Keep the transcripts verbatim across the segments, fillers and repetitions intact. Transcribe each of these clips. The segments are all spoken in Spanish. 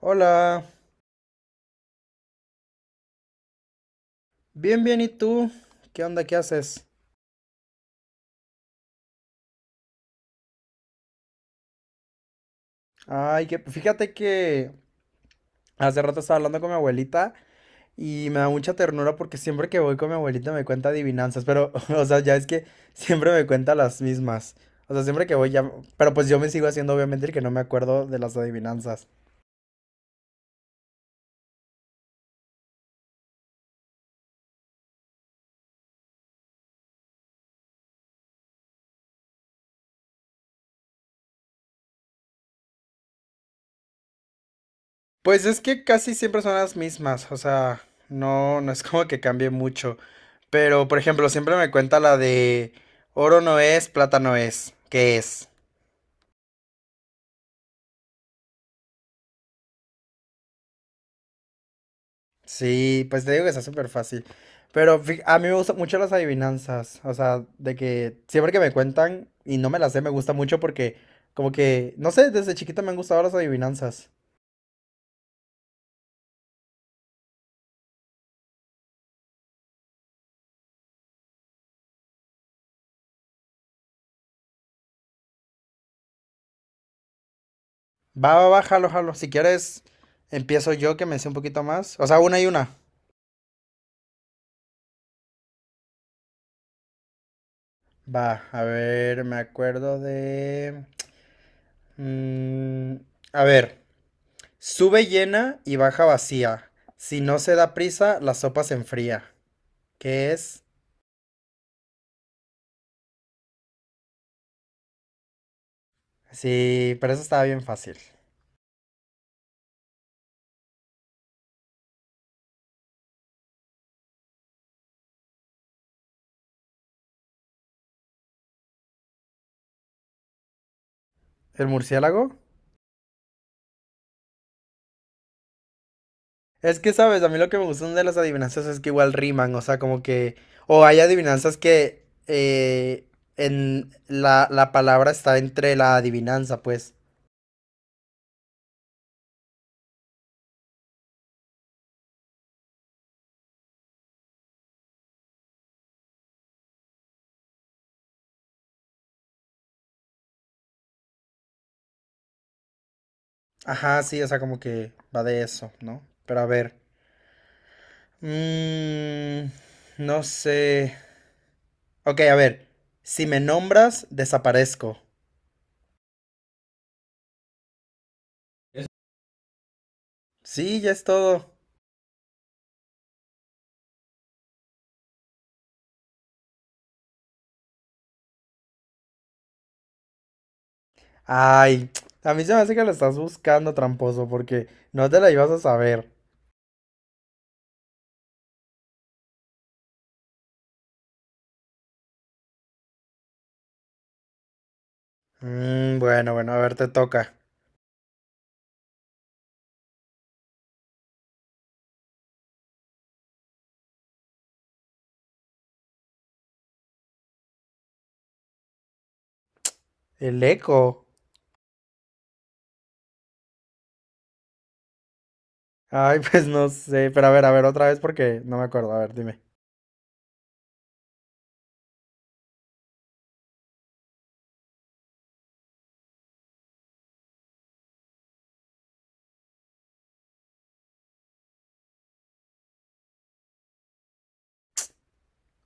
Hola, bien, bien, ¿y tú? ¿Qué onda? ¿Qué haces? Ay, que fíjate que hace rato estaba hablando con mi abuelita y me da mucha ternura porque siempre que voy con mi abuelita me cuenta adivinanzas, pero, o sea, ya es que siempre me cuenta las mismas. O sea, siempre que voy ya, pero pues yo me sigo haciendo obviamente el que no me acuerdo de las adivinanzas. Pues es que casi siempre son las mismas, o sea, no, no es como que cambie mucho. Pero, por ejemplo, siempre me cuenta la de oro no es, plata no es, ¿qué es? Sí, pues te digo que está súper fácil. Pero fi- a mí me gustan mucho las adivinanzas. O sea, de que siempre que me cuentan y no me las sé, me gusta mucho porque, como que, no sé, desde chiquito me han gustado las adivinanzas. Va, va, va, jalo, jalo. Si quieres, empiezo yo que me sé un poquito más. O sea, una y una. Va, a ver, me acuerdo de. Mm, a ver, sube llena y baja vacía. Si no se da prisa, la sopa se enfría. ¿Qué es? Sí, pero eso estaba bien fácil. ¿El murciélago? Es que, ¿sabes? A mí lo que me gustan de las adivinanzas es que igual riman, o sea, como que... O hay adivinanzas que eh, en la, la palabra está entre la adivinanza, pues. Ajá, sí, o sea, como que va de eso, ¿no? Pero a ver. mm, no sé. Ok, a ver. Si me nombras, desaparezco. Es- Sí, ya es todo. Ay, a mí se me hace que lo estás buscando, tramposo, porque no te la ibas a saber. Mm, bueno, bueno, a ver, te toca. El eco. Ay, pues no sé. Pero a ver, a ver, otra vez porque no me acuerdo. A ver, dime.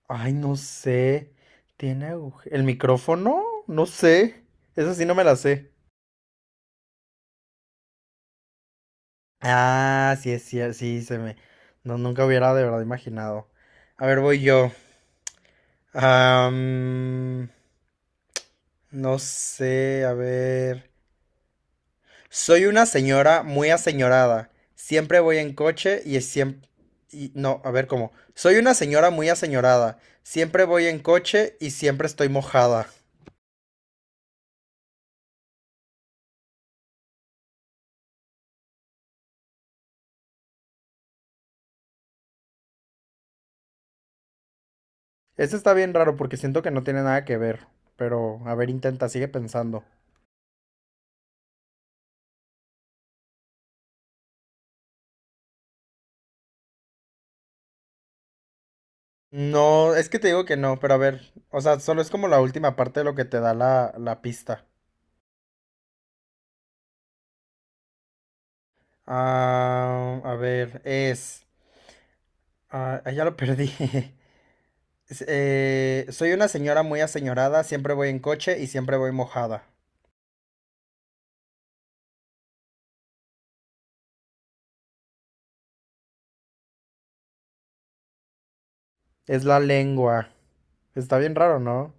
Ay, no sé. ¿Tiene aguje- ¿El micrófono? No sé. Eso sí no me la sé. Ah, sí, es cierto. Sí, se me. No, nunca hubiera de verdad imaginado. A ver, voy yo. Am, no sé, a ver. Soy una señora muy aseñorada. Siempre voy en coche y siempre... no, a ver cómo. Soy una señora muy aseñorada. Siempre voy en coche y siempre estoy mojada. Este está bien raro porque siento que no tiene nada que ver. Pero, a ver, intenta, sigue pensando. No, es que te digo que no, pero a ver. O sea, solo es como la última parte de lo que te da la, la pista. Ah, a ver, es... Ah, ah, ya lo perdí. S- eh, soy una señora muy aseñorada, siempre voy en coche y siempre voy mojada. Es la lengua. Está bien raro, ¿no?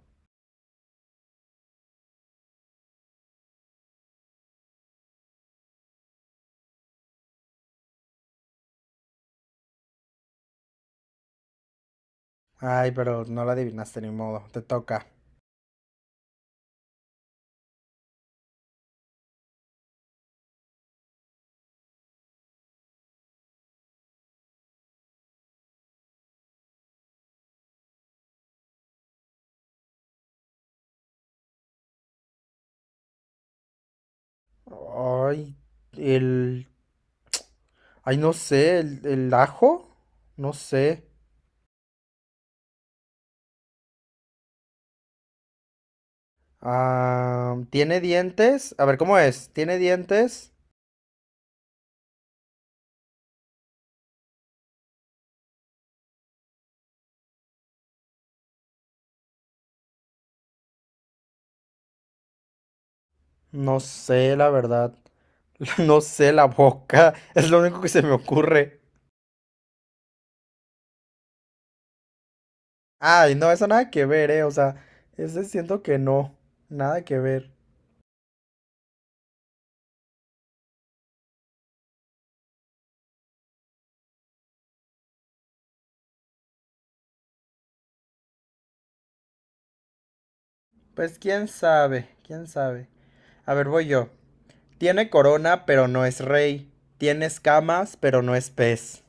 Ay, pero no la adivinaste ni modo, te toca. Ay, el... Ay, no sé, el, el ajo, no sé. Ah, ¿tiene dientes? A ver, ¿cómo es? ¿Tiene dientes? No sé, la verdad. No sé, la boca. Es lo único que se me ocurre. Ay, no, eso nada que ver, eh. O sea, ese siento que no. Nada que ver. Pues quién sabe, quién sabe. A ver, voy yo. Tiene corona, pero no es rey. Tiene escamas, pero no es pez.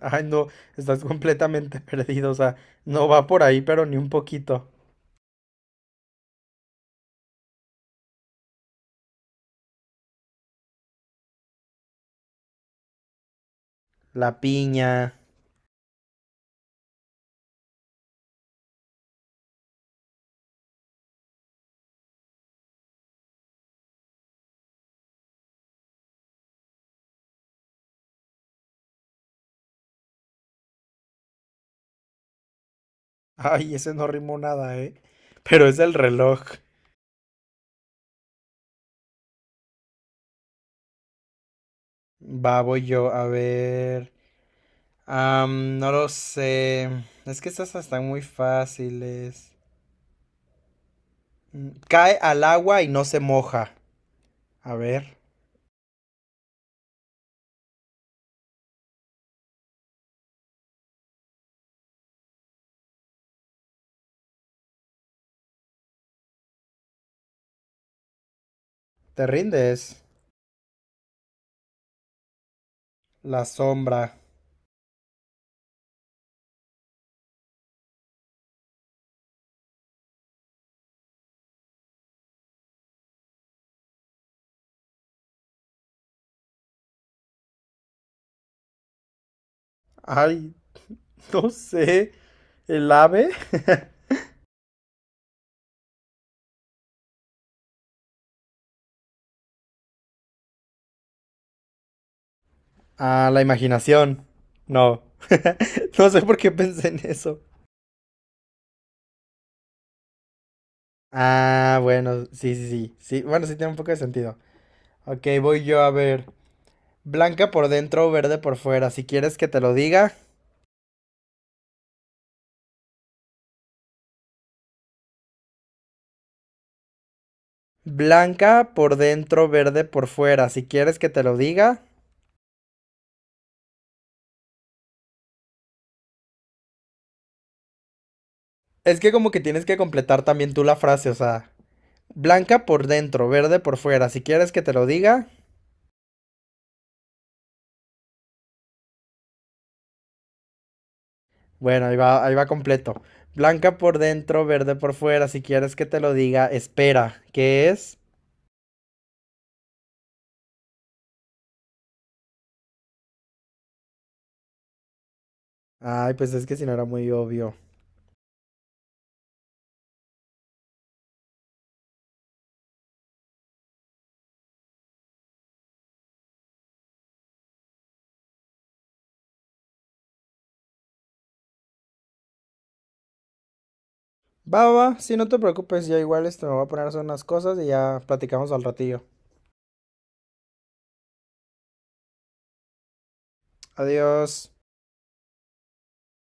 Ay, no, estás completamente perdido. O sea, no va por ahí, pero ni un poquito. La piña. Ay, ese no rimó nada, eh. Pero es el reloj. Va, voy yo, a ver. Am, no lo sé. Es que estas están muy fáciles. Cae al agua y no se moja. A ver, te rindes. La sombra. Ay, no sé. ¿El ave? ah, la imaginación. No. no sé por qué pensé en eso. Ah, bueno, sí, sí, sí. Sí, bueno, sí tiene un poco de sentido. Ok, voy yo a ver. Blanca por dentro, verde por fuera. Si quieres que te lo diga. Blanca por dentro, verde por fuera. Si quieres que te lo diga. Es que como que tienes que completar también tú la frase, o sea, Blanca por dentro, verde por fuera. Si quieres que te lo diga, bueno, ahí va, ahí va completo. Blanca por dentro, verde por fuera. Si quieres que te lo diga, espera. ¿Qué es? Ay, pues es que si no era muy obvio. Va, va, si sí, no te preocupes, yo igual esto me voy a poner a hacer unas cosas y ya platicamos al ratillo. Adiós.